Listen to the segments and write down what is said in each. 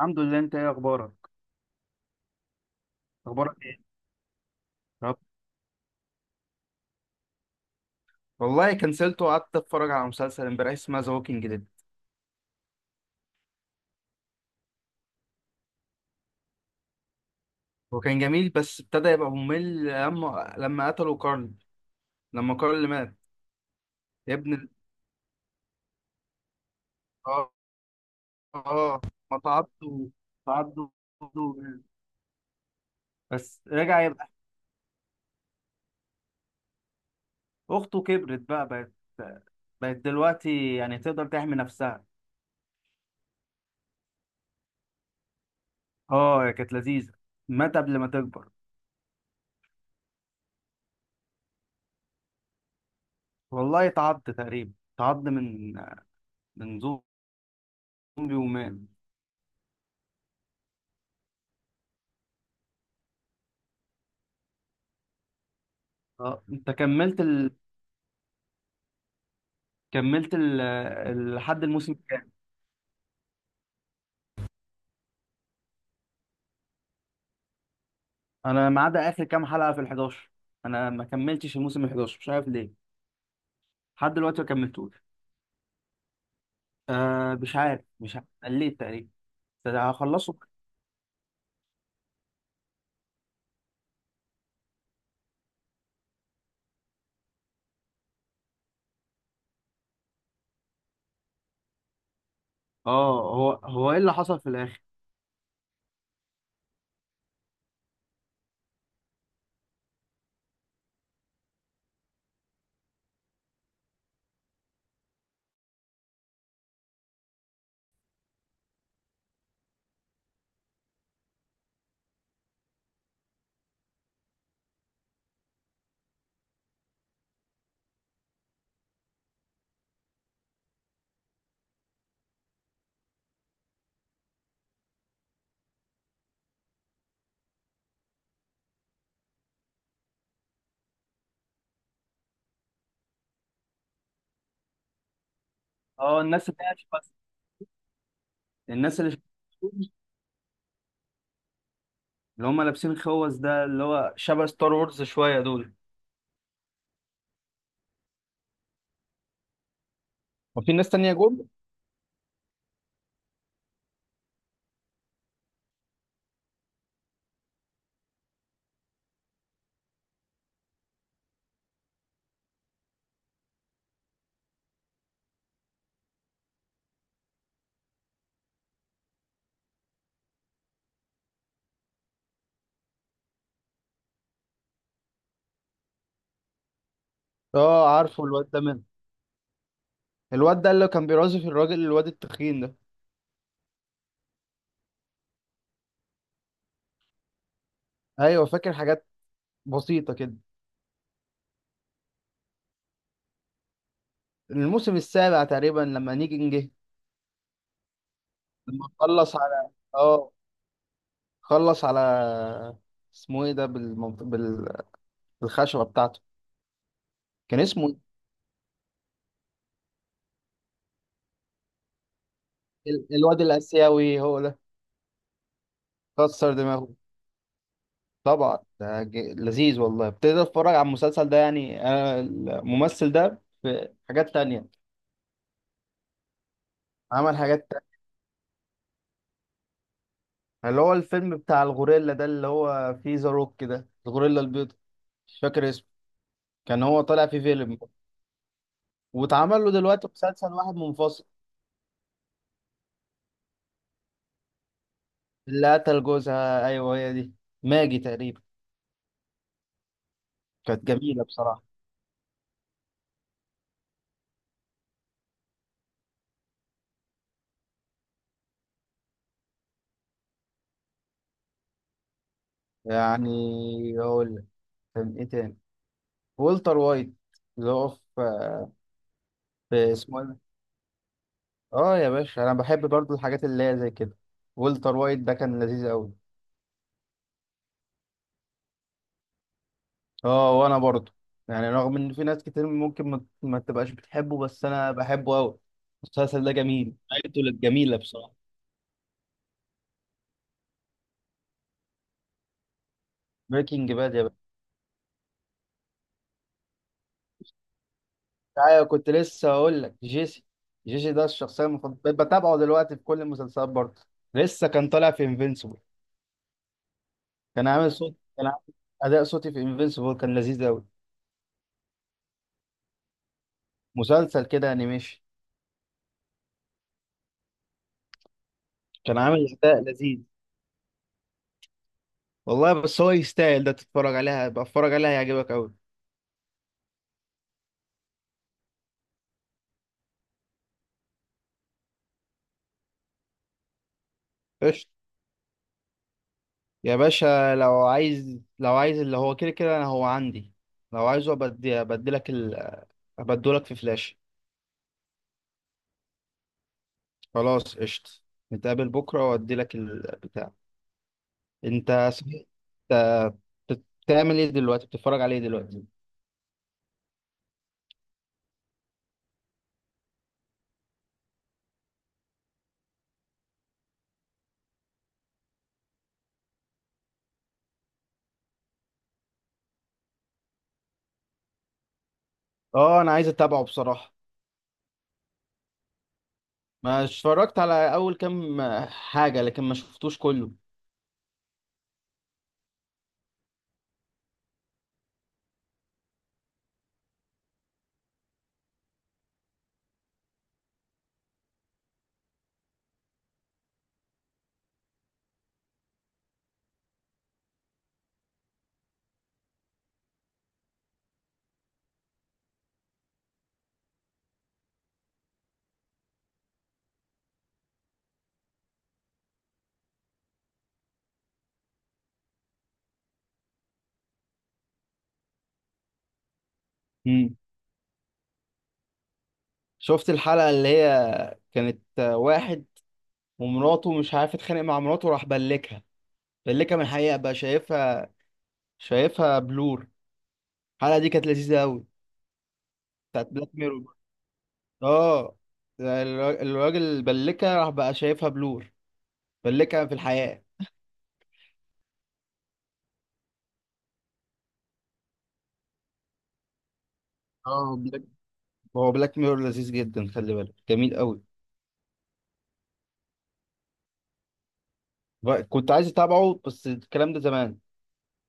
الحمد لله، انت ايه اخبارك؟ اخبارك ايه؟ طب، والله كنسلته وقعدت اتفرج على مسلسل امبارح اسمه ذا ووكينج ديد. هو كان جميل بس ابتدى يبقى ممل لما قتلوا كارل. لما كارل اللي مات. يا ابن ال- اه. اه، ما تعبته تعدوا. بس رجع يبقى. اخته كبرت، بقى بقت دلوقتي يعني تقدر تحمي نفسها. اه، هي كانت لذيذه. مات قبل ما تكبر. والله تعض تقريبا، تعض من زومبي. ومات. اه، انت كملت لحد الموسم الكام؟ انا ما عدا اخر كام حلقه في ال 11. انا ما كملتش الموسم ال 11، مش عارف ليه. لحد دلوقتي ما كملتوش. مش عارف قليت تقريبا. بس هخلصه. اه، هو ايه اللي حصل في الاخر؟ اه، الناس اللي هي شبه- الناس اللي شبه- اللي هم لابسين خوذ، ده اللي هو شبه ستار وورز شويه دول. وفي ناس تانية جول. اه، عارفه الواد ده منه. الواد ده اللي كان بيرازف الراجل، الواد التخين ده. ايوه، فاكر حاجات بسيطة كده. الموسم السابع تقريبا لما نيجي جه. لما خلص على اه خلص على، اسمه ايه ده، بالخشبة بتاعته. كان اسمه إيه؟ الواد الآسيوي هو ده. كسر دماغه. طبعا ده لذيذ والله، ابتديت اتفرج على المسلسل ده، يعني انا الممثل ده في حاجات تانية. عمل حاجات تانية، اللي هو الفيلم بتاع الغوريلا ده اللي هو فيه ذا روك، ده الغوريلا البيضاء. مش فاكر اسمه. كان هو طالع في فيلم. واتعمل له دلوقتي مسلسل واحد منفصل. اللي قتل جوزها، ايوه هي دي. ماجي تقريبا. كانت جميله بصراحه. يعني اقول لك، كان ايه تاني. والتر وايت اللي هو في، اسمه ايه ده؟ اه يا باشا، انا بحب برضو الحاجات اللي هي زي كده. والتر وايت ده كان لذيذ قوي. اه، وانا برضو. يعني رغم ان في ناس كتير ممكن ما تبقاش بتحبه، بس انا بحبه قوي. المسلسل ده جميل، عيلته الجميله بصراحه. بريكنج باد يا باشا. ايوه، كنت لسه هقول لك جيسي. جيسي ده الشخصيه المفضله، بقيت بتابعه دلوقتي في كل المسلسلات برضه. لسه كان طالع في انفينسيبل. كان عامل اداء صوتي في انفينسيبل، كان لذيذ قوي. مسلسل كده انيميشن. كان عامل اداء لذيذ. والله بس هو يستاهل، ده تتفرج عليها بقى، اتفرج عليها هيعجبك قوي. قشطة. يا باشا، لو عايز اللي هو كده كده انا هو عندي. لو عايزه ابدلك ابدلك في فلاش. خلاص قشطة. نتقابل بكره وادي لك البتاع. انت صحيح، انت بتعمل ايه دلوقتي؟ بتتفرج عليه دلوقتي؟ اه، انا عايز اتابعه بصراحه. ما اتفرجت على اول كام حاجة، لكن ما شفتوش كله. امم شفت الحلقة اللي هي كانت واحد ومراته، مش عارف اتخانق مع مراته، راح بلكها. بلكها من الحقيقة، بقى شايفها. شايفها بلور. الحلقة دي كانت لذيذة قوي. بتاعت بلاك ميرور. اه، الراجل بلكها، راح بقى شايفها بلور. بلكها في الحقيقة. اه، هو بلاك ميرور لذيذ جدا، خلي بالك جميل قوي. كنت عايز اتابعه بس الكلام ده زمان.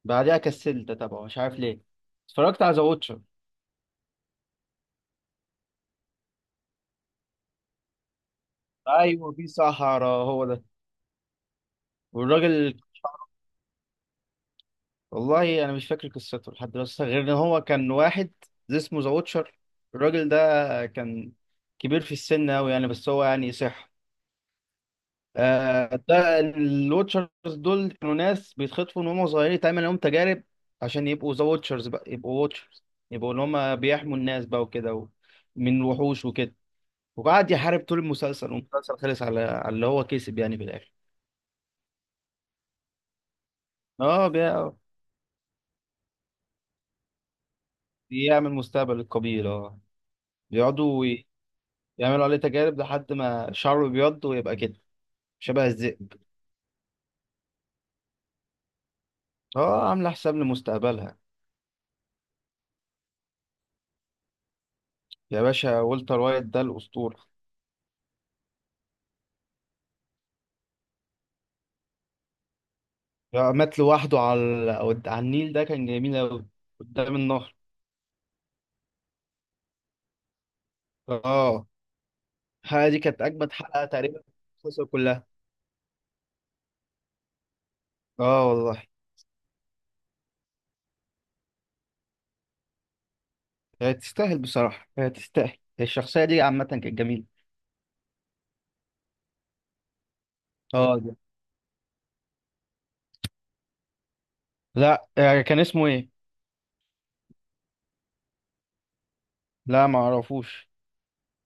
بعدها كسلت اتابعه، مش عارف ليه. اتفرجت على ذا ووتشر. ايوه، في صحراء، هو ده. والراجل، والله انا مش فاكر قصته لحد دلوقتي غير ان هو كان واحد. اسمه ذا ووتشر. الراجل ده كان كبير في السن قوي يعني، بس هو يعني صح. ده الواتشرز دول كانوا ناس بيتخطفوا من هم صغيرين، يتعمل لهم تجارب عشان يبقوا ذا واتشرز، بقى يبقوا واتشرز، يبقوا اللي هم بيحموا الناس بقى وكده من الوحوش وكده. وقعد يحارب طول المسلسل، والمسلسل خلص على اللي هو كسب يعني في الاخر. اه، بيعمل مستقبل القبيل، اه. بيقعدوا يعملوا عليه تجارب لحد ما شعره بيبيض ويبقى كده، شبه الذئب. اه، عامله حساب لمستقبلها. يا باشا، والتر وايت ده الاسطوره. مات لوحده على النيل، ده كان جميل أوي. قدام النهر. اه، الحلقة دي كانت أجمد حلقة تقريبا في المسلسل كلها. اه والله. هي تستاهل بصراحة، هي تستاهل، الشخصية دي عامة كانت جميلة. اه، دي. لا، كان اسمه ايه؟ لا، ما اعرفوش.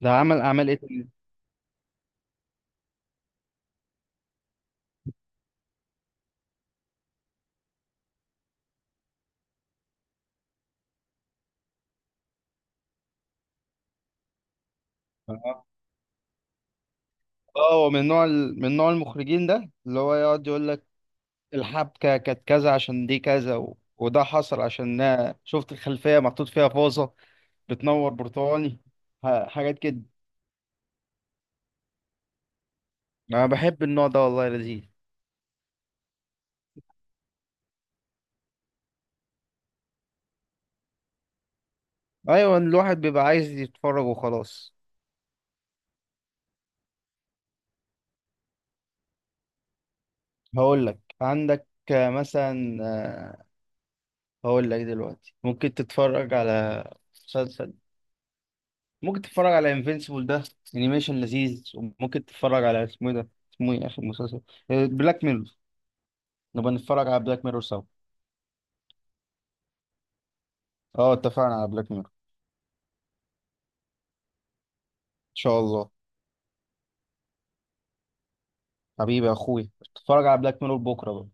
ده عمل اعمال ايه تاني؟ اه، هو من نوع المخرجين ده، اللي هو يقعد يقول لك الحبكة كانت كذا عشان دي كذا، وده حصل عشان شفت الخلفية محطوط فيها فازة بتنور برتقاني. حاجات كده. انا بحب النوع ده والله لذيذ. ايوه، الواحد بيبقى عايز يتفرج وخلاص. هقول لك عندك. مثلا هقول لك دلوقتي ممكن تتفرج على مسلسل. ممكن تتفرج على انفينسيبل ده، انيميشن لذيذ. وممكن تتفرج على اسمه ايه ده، اسمه ايه اخر مسلسل، بلاك ميرور. نبقى نتفرج على بلاك ميرور سوا. اه، اتفقنا على بلاك ميرور، ان شاء الله. حبيبي يا اخوي، اتفرج على بلاك ميرور بكره بقى.